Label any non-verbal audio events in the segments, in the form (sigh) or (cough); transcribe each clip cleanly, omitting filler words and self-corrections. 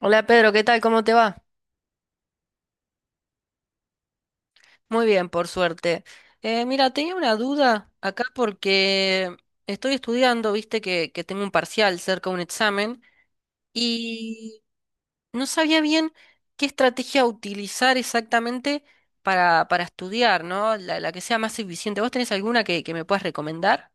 Hola Pedro, ¿qué tal? ¿Cómo te va? Muy bien, por suerte. Mira, tenía una duda acá porque estoy estudiando, viste que tengo un parcial cerca de un examen y no sabía bien qué estrategia utilizar exactamente para estudiar, ¿no? La que sea más eficiente. ¿Vos tenés alguna que me puedas recomendar?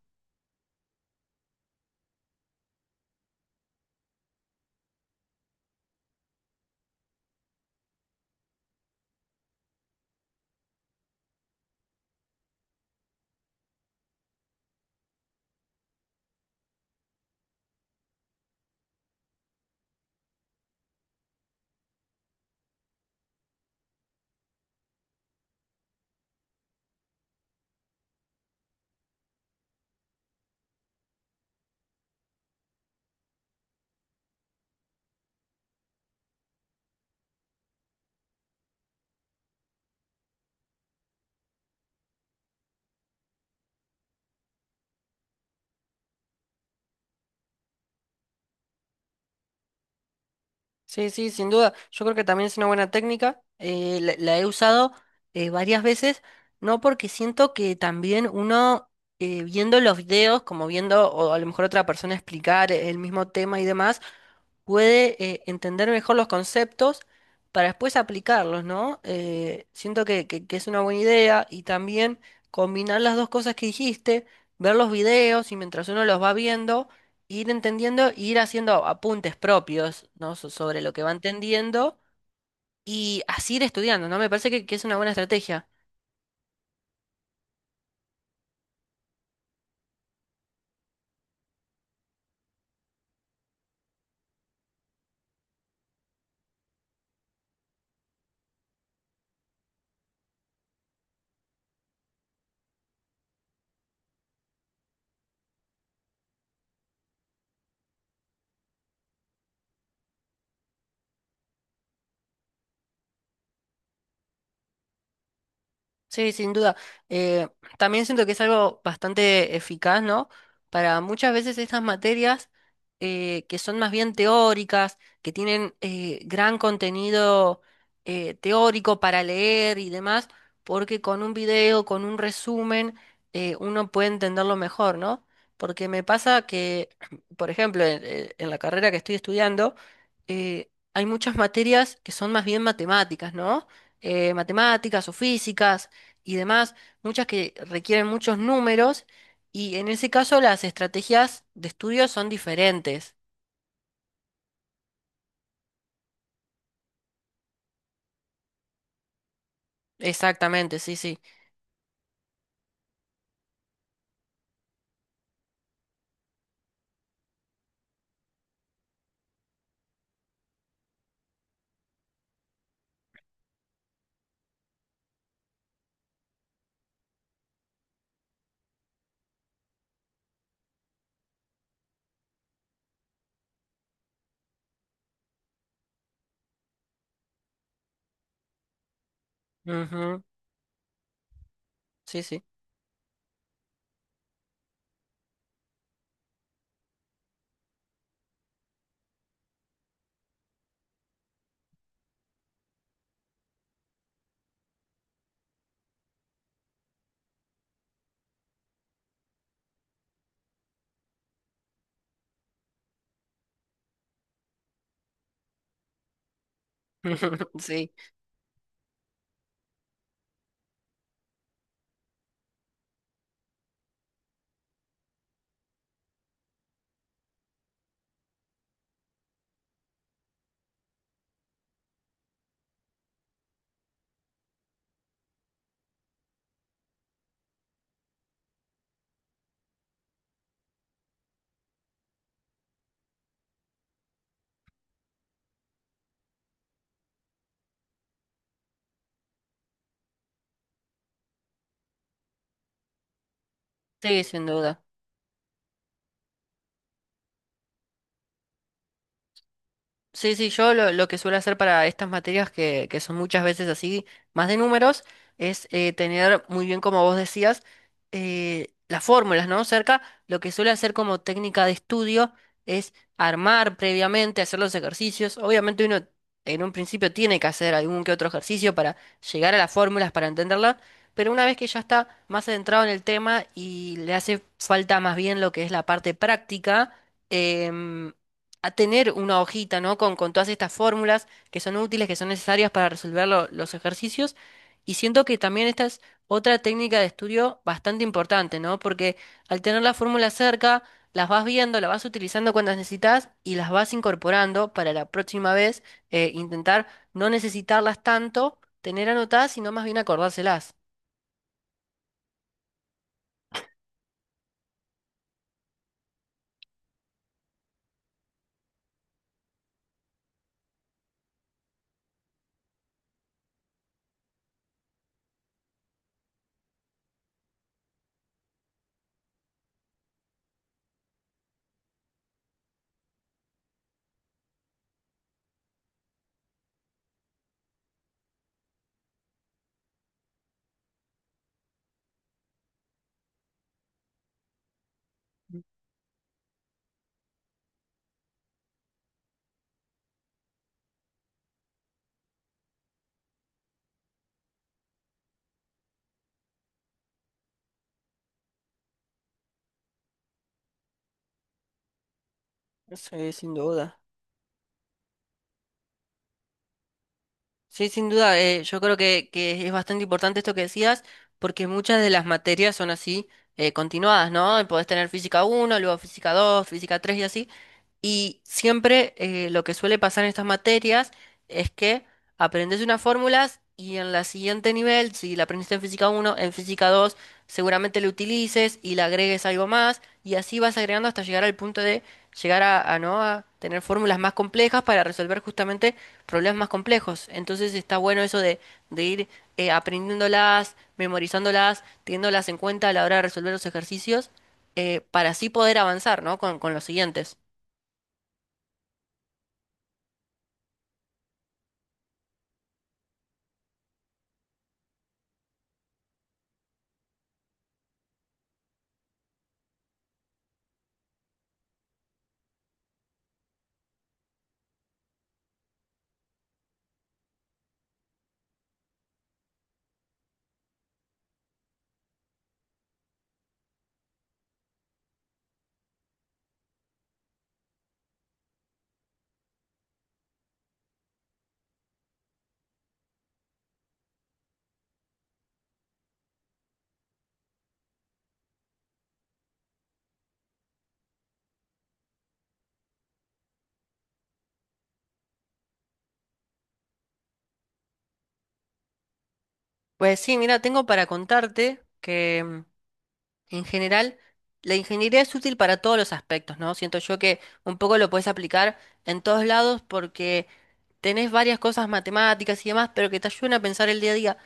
Sí, sí, sin duda. Yo creo que también es una buena técnica. La he usado varias veces, no porque siento que también uno viendo los videos, como viendo o a lo mejor otra persona explicar el mismo tema y demás, puede entender mejor los conceptos para después aplicarlos, ¿no? Siento que es una buena idea y también combinar las dos cosas que dijiste, ver los videos y mientras uno los va viendo ir entendiendo, e ir haciendo apuntes propios, ¿no? Sobre lo que va entendiendo y así ir estudiando, ¿no? Me parece que es una buena estrategia. Sí, sin duda. Eh, También siento que es algo bastante eficaz, ¿no? Para muchas veces estas materias que son más bien teóricas, que tienen gran contenido teórico para leer y demás, porque con un video, con un resumen, uno puede entenderlo mejor, ¿no? Porque me pasa que, (clears throat) por ejemplo, en la carrera que estoy estudiando, hay muchas materias que son más bien matemáticas, ¿no? Matemáticas o físicas y demás, muchas que requieren muchos números y en ese caso las estrategias de estudio son diferentes. Exactamente, sí, sí. Ujú. Sí, sí. (laughs) Sí, sí, sin duda. Sí, sí, yo lo que suelo hacer para estas materias que son muchas veces así, más de números, es tener muy bien, como vos decías, las fórmulas, ¿no? Cerca, lo que suelo hacer como técnica de estudio es armar previamente, hacer los ejercicios. Obviamente uno en un principio tiene que hacer algún que otro ejercicio para llegar a las fórmulas, para entenderlas, pero una vez que ya está más adentrado en el tema y le hace falta más bien lo que es la parte práctica, em, a tener una hojita, ¿no? Con todas estas fórmulas que son útiles, que son necesarias para resolver los ejercicios. Y siento que también esta es otra técnica de estudio bastante importante, ¿no? Porque al tener las fórmulas cerca, las vas viendo, las vas utilizando cuando las necesitas y las vas incorporando para la próxima vez, intentar no necesitarlas tanto, tener anotadas, sino más bien acordárselas. Sí, sin duda. Sí, sin duda, yo creo que es bastante importante esto que decías, porque muchas de las materias son así, continuadas, ¿no? Podés tener física uno, luego física 2, física 3 y así. Y siempre lo que suele pasar en estas materias es que aprendes unas fórmulas y en la siguiente nivel, si la aprendiste en física uno en física 2 seguramente lo utilices y le agregues algo más y así vas agregando hasta llegar al punto de llegar ¿no? A tener fórmulas más complejas para resolver justamente problemas más complejos. Entonces está bueno eso de ir aprendiéndolas, memorizándolas, teniéndolas en cuenta a la hora de resolver los ejercicios para así poder avanzar, ¿no? Con los siguientes. Pues sí, mira, tengo para contarte que en general, la ingeniería es útil para todos los aspectos, ¿no? Siento yo que un poco lo puedes aplicar en todos lados porque tenés varias cosas matemáticas y demás, pero que te ayudan a pensar el día a día.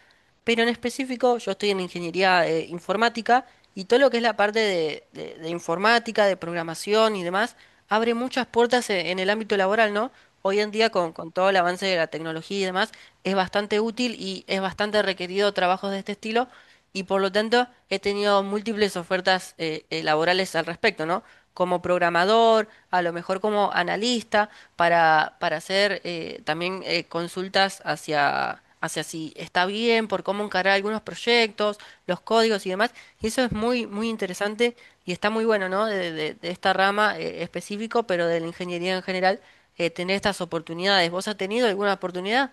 Pero en específico, yo estoy en ingeniería informática y todo lo que es la parte de, de informática, de programación y demás, abre muchas puertas en, el ámbito laboral, ¿no? Hoy en día con todo el avance de la tecnología y demás, es bastante útil y es bastante requerido trabajos de este estilo y por lo tanto he tenido múltiples ofertas laborales al respecto, ¿no? Como programador, a lo mejor como analista, para hacer también consultas hacia si está bien, por cómo encarar algunos proyectos, los códigos y demás. Y eso es muy, muy interesante y está muy bueno, ¿no? De, de esta rama específico, pero de la ingeniería en general, tener estas oportunidades. ¿Vos has tenido alguna oportunidad?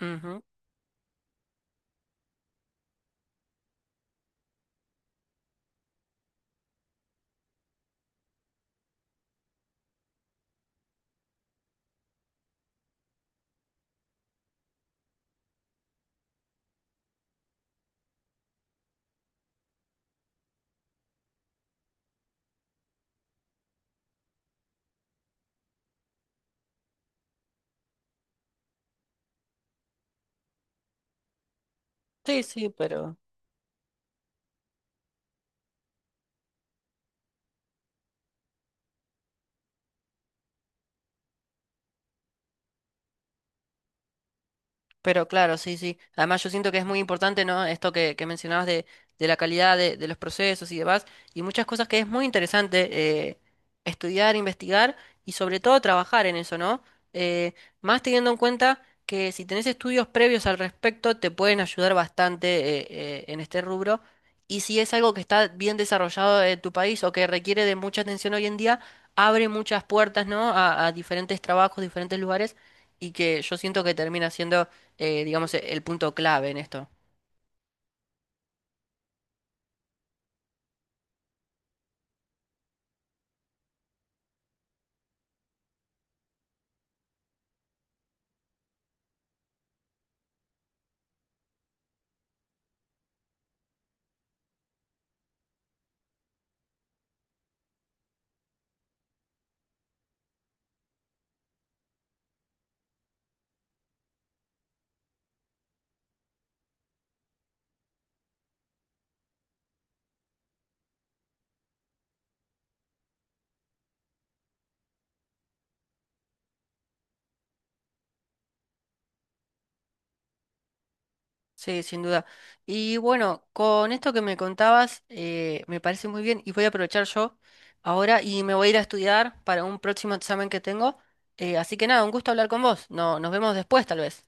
Ujú. Sí, sí, pero... Pero claro, sí, sí. Además yo siento que es muy importante, ¿no? Esto que mencionabas de la calidad de los procesos y demás, y muchas cosas que es muy interesante eh, estudiar, investigar y sobre todo trabajar en eso, ¿no? Eh, Más teniendo en cuenta que si tenés estudios previos al respecto, te pueden ayudar bastante en este rubro. Y si es algo que está bien desarrollado en tu país o que requiere de mucha atención hoy en día, abre muchas puertas, ¿no? A diferentes trabajos, diferentes lugares, y que yo siento que termina siendo digamos, el punto clave en esto. Sí, sin duda. Y bueno, con esto que me contabas, me parece muy bien y voy a aprovechar yo ahora y me voy a ir a estudiar para un próximo examen que tengo. Así que nada, un gusto hablar con vos. No, nos vemos después, tal vez.